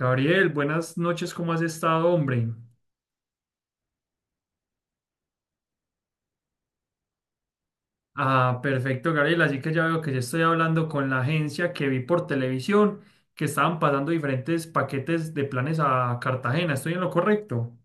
Gabriel, buenas noches, ¿cómo has estado, hombre? Ah, perfecto, Gabriel, así que ya veo que ya estoy hablando con la agencia que vi por televisión que estaban pasando diferentes paquetes de planes a Cartagena, ¿estoy en lo correcto?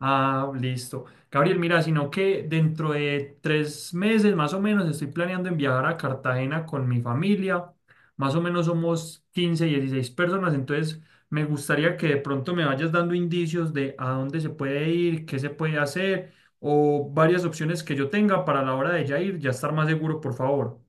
Ah, listo. Gabriel, mira, sino que dentro de 3 meses más o menos estoy planeando en viajar a Cartagena con mi familia. Más o menos somos 15, 16 personas, entonces me gustaría que de pronto me vayas dando indicios de a dónde se puede ir, qué se puede hacer o varias opciones que yo tenga para la hora de ya ir, ya estar más seguro, por favor.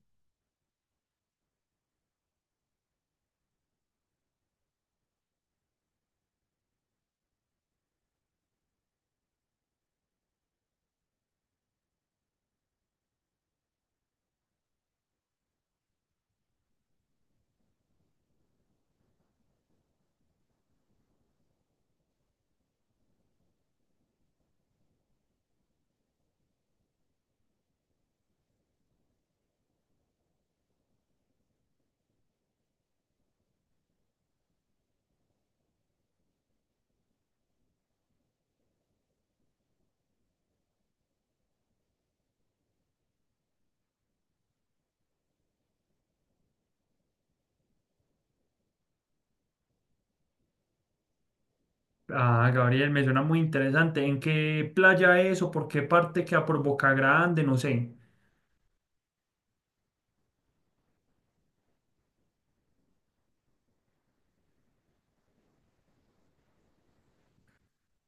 Ah, Gabriel, me suena muy interesante. ¿En qué playa es o por qué parte queda por Boca Grande? No sé.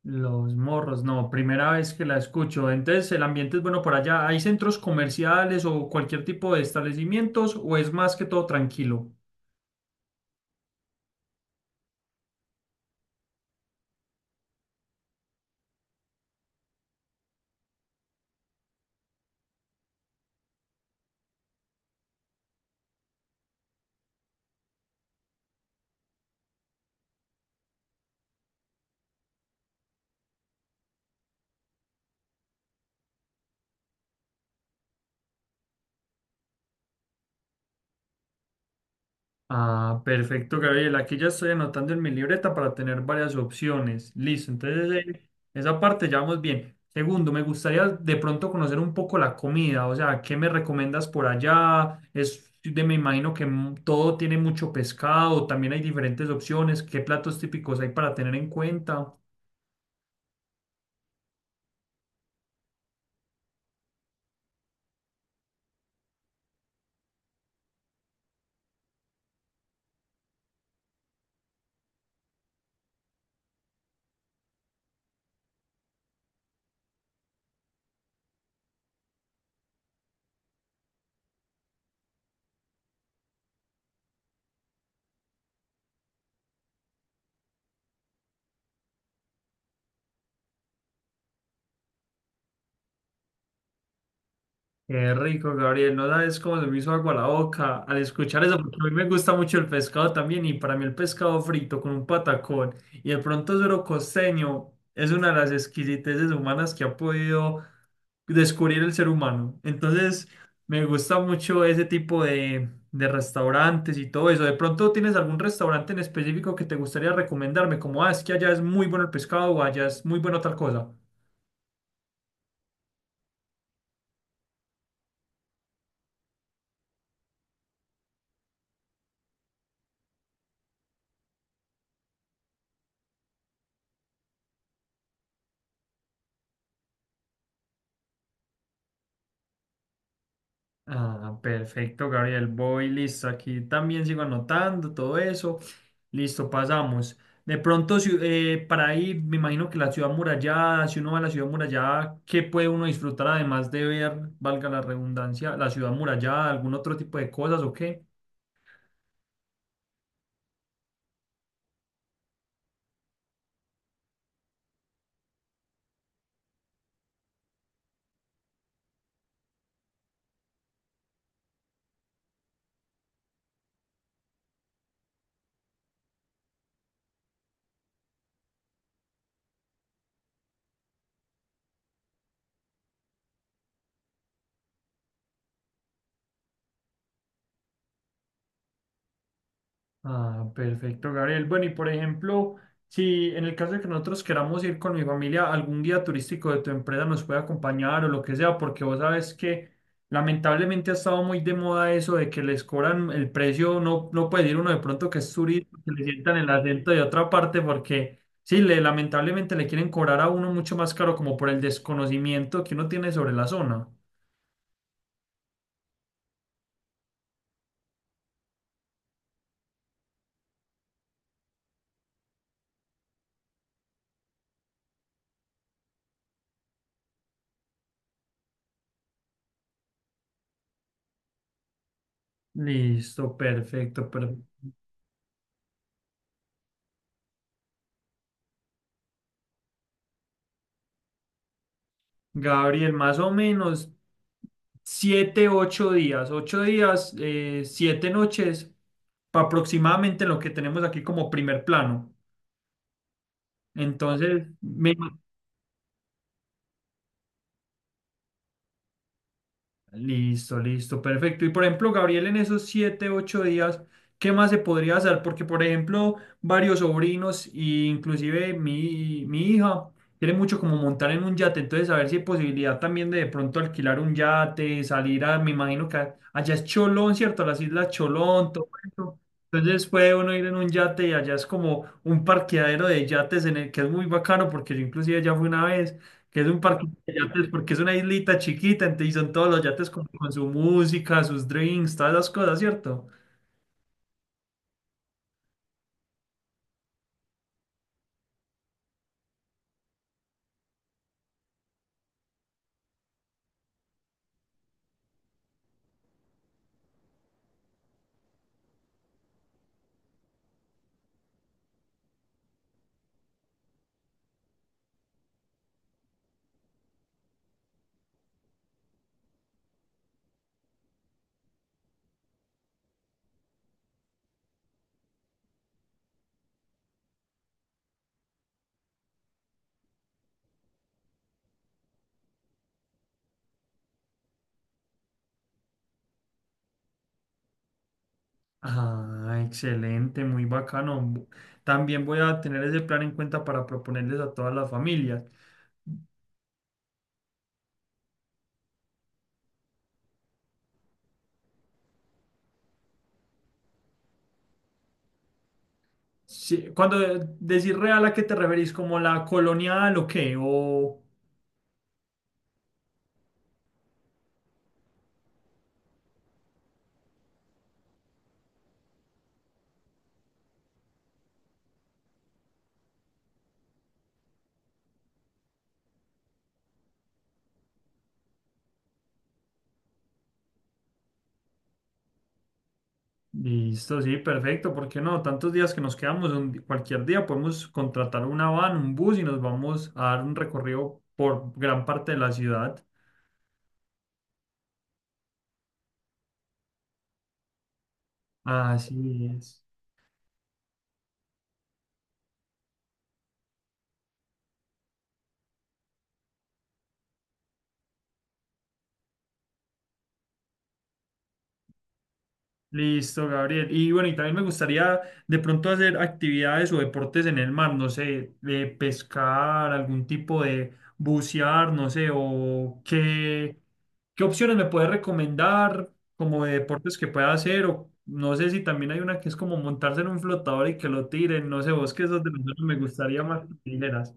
Los Morros, no, primera vez que la escucho. Entonces, el ambiente es bueno por allá. ¿Hay centros comerciales o cualquier tipo de establecimientos o es más que todo tranquilo? Ah, perfecto, Gabriel. Aquí ya estoy anotando en mi libreta para tener varias opciones. Listo, entonces esa parte ya vamos bien. Segundo, me gustaría de pronto conocer un poco la comida, o sea, ¿qué me recomiendas por allá? Es de, me imagino que todo tiene mucho pescado, también hay diferentes opciones. ¿Qué platos típicos hay para tener en cuenta? Qué rico, Gabriel. No sabes cómo se me hizo agua la boca al escuchar eso, porque a mí me gusta mucho el pescado también. Y para mí, el pescado frito con un patacón y de pronto suero costeño es una de las exquisiteces humanas que ha podido descubrir el ser humano. Entonces, me gusta mucho ese tipo de restaurantes y todo eso. ¿De pronto tienes algún restaurante en específico que te gustaría recomendarme? Como, ah, es que allá es muy bueno el pescado o allá es muy bueno tal cosa. Ah, perfecto, Gabriel. Voy listo. Aquí también sigo anotando todo eso. Listo, pasamos. De pronto, para ir, me imagino que la ciudad murallada, si uno va a la ciudad murallada, ¿qué puede uno disfrutar además de ver, valga la redundancia, la ciudad murallada, algún otro tipo de cosas o qué? Ah, perfecto, Gabriel. Bueno, y por ejemplo, si en el caso de que nosotros queramos ir con mi familia, algún guía turístico de tu empresa nos puede acompañar o lo que sea, porque vos sabes que lamentablemente ha estado muy de moda eso de que les cobran el precio, no, no puede ir uno de pronto que es turista, que le sientan el acento de otra parte, porque sí, lamentablemente le quieren cobrar a uno mucho más caro como por el desconocimiento que uno tiene sobre la zona. Listo, perfecto, perfecto. Gabriel, más o menos 7, 8 días, 8 días, 7 noches, aproximadamente lo que tenemos aquí como primer plano. Entonces, me Listo, listo, perfecto. Y por ejemplo, Gabriel, en esos 7, 8 días, ¿qué más se podría hacer? Porque, por ejemplo, varios sobrinos, e inclusive mi hija, quiere mucho como montar en un yate, entonces a ver si hay posibilidad también de pronto alquilar un yate, salir a, me imagino que allá es Cholón, ¿cierto? Las islas Cholón, todo eso. Entonces puede uno ir en un yate y allá es como un parqueadero de yates en el que es muy bacano porque yo inclusive ya fui una vez que es un parque de yates porque es una islita chiquita, entonces son todos los yates como con su música, sus drinks, todas las cosas, ¿cierto? Ah, excelente, muy bacano. También voy a tener ese plan en cuenta para proponerles a todas las familias. Sí, cuando decís real, ¿a qué te referís? ¿Como la colonial o qué? O... Listo, sí, perfecto, ¿por qué no? Tantos días que nos quedamos, cualquier día podemos contratar una van, un bus y nos vamos a dar un recorrido por gran parte de la ciudad. Así es. Listo, Gabriel. Y bueno, y también me gustaría de pronto hacer actividades o deportes en el mar, no sé, de pescar, algún tipo de bucear, no sé, o qué, qué opciones me puedes recomendar como de deportes que pueda hacer, o no sé si también hay una que es como montarse en un flotador y que lo tiren, no sé, vos que esos de los me gustaría más que me dijeras.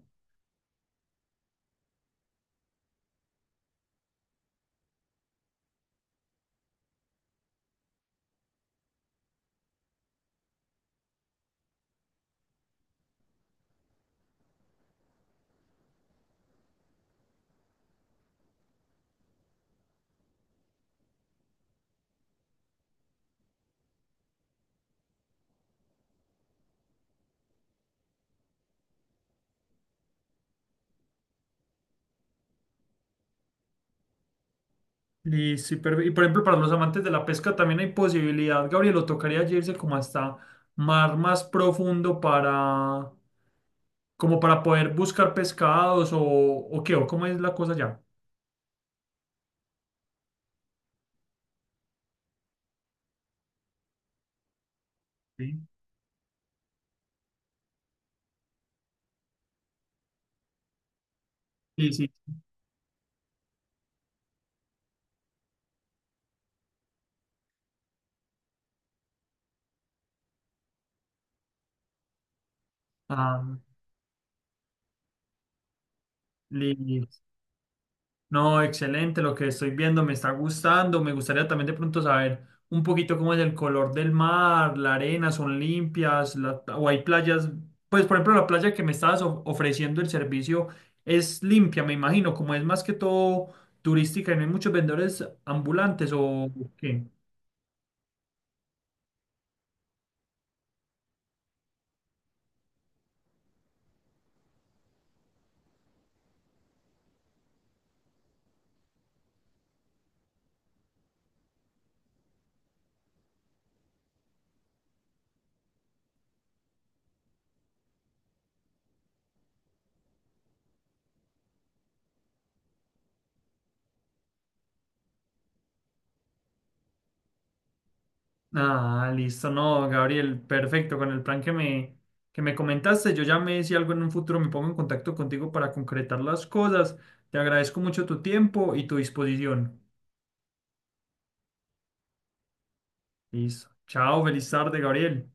Listo, y por ejemplo, para los amantes de la pesca también hay posibilidad, Gabriel, o tocaría irse como hasta mar más profundo para, como para poder buscar pescados o qué, o cómo es la cosa ya. Sí, sí, sí. Ah, listo. No, excelente, lo que estoy viendo me está gustando. Me gustaría también de pronto saber un poquito cómo es el color del mar, la arena, son limpias, o hay playas. Pues, por ejemplo, la playa que me estabas ofreciendo el servicio es limpia, me imagino, como es más que todo turística y no hay muchos vendedores ambulantes o qué. Ah, listo, no, Gabriel, perfecto. Con el plan que que me comentaste, yo ya me si algo en un futuro me pongo en contacto contigo para concretar las cosas. Te agradezco mucho tu tiempo y tu disposición. Listo. Chao, feliz tarde, Gabriel.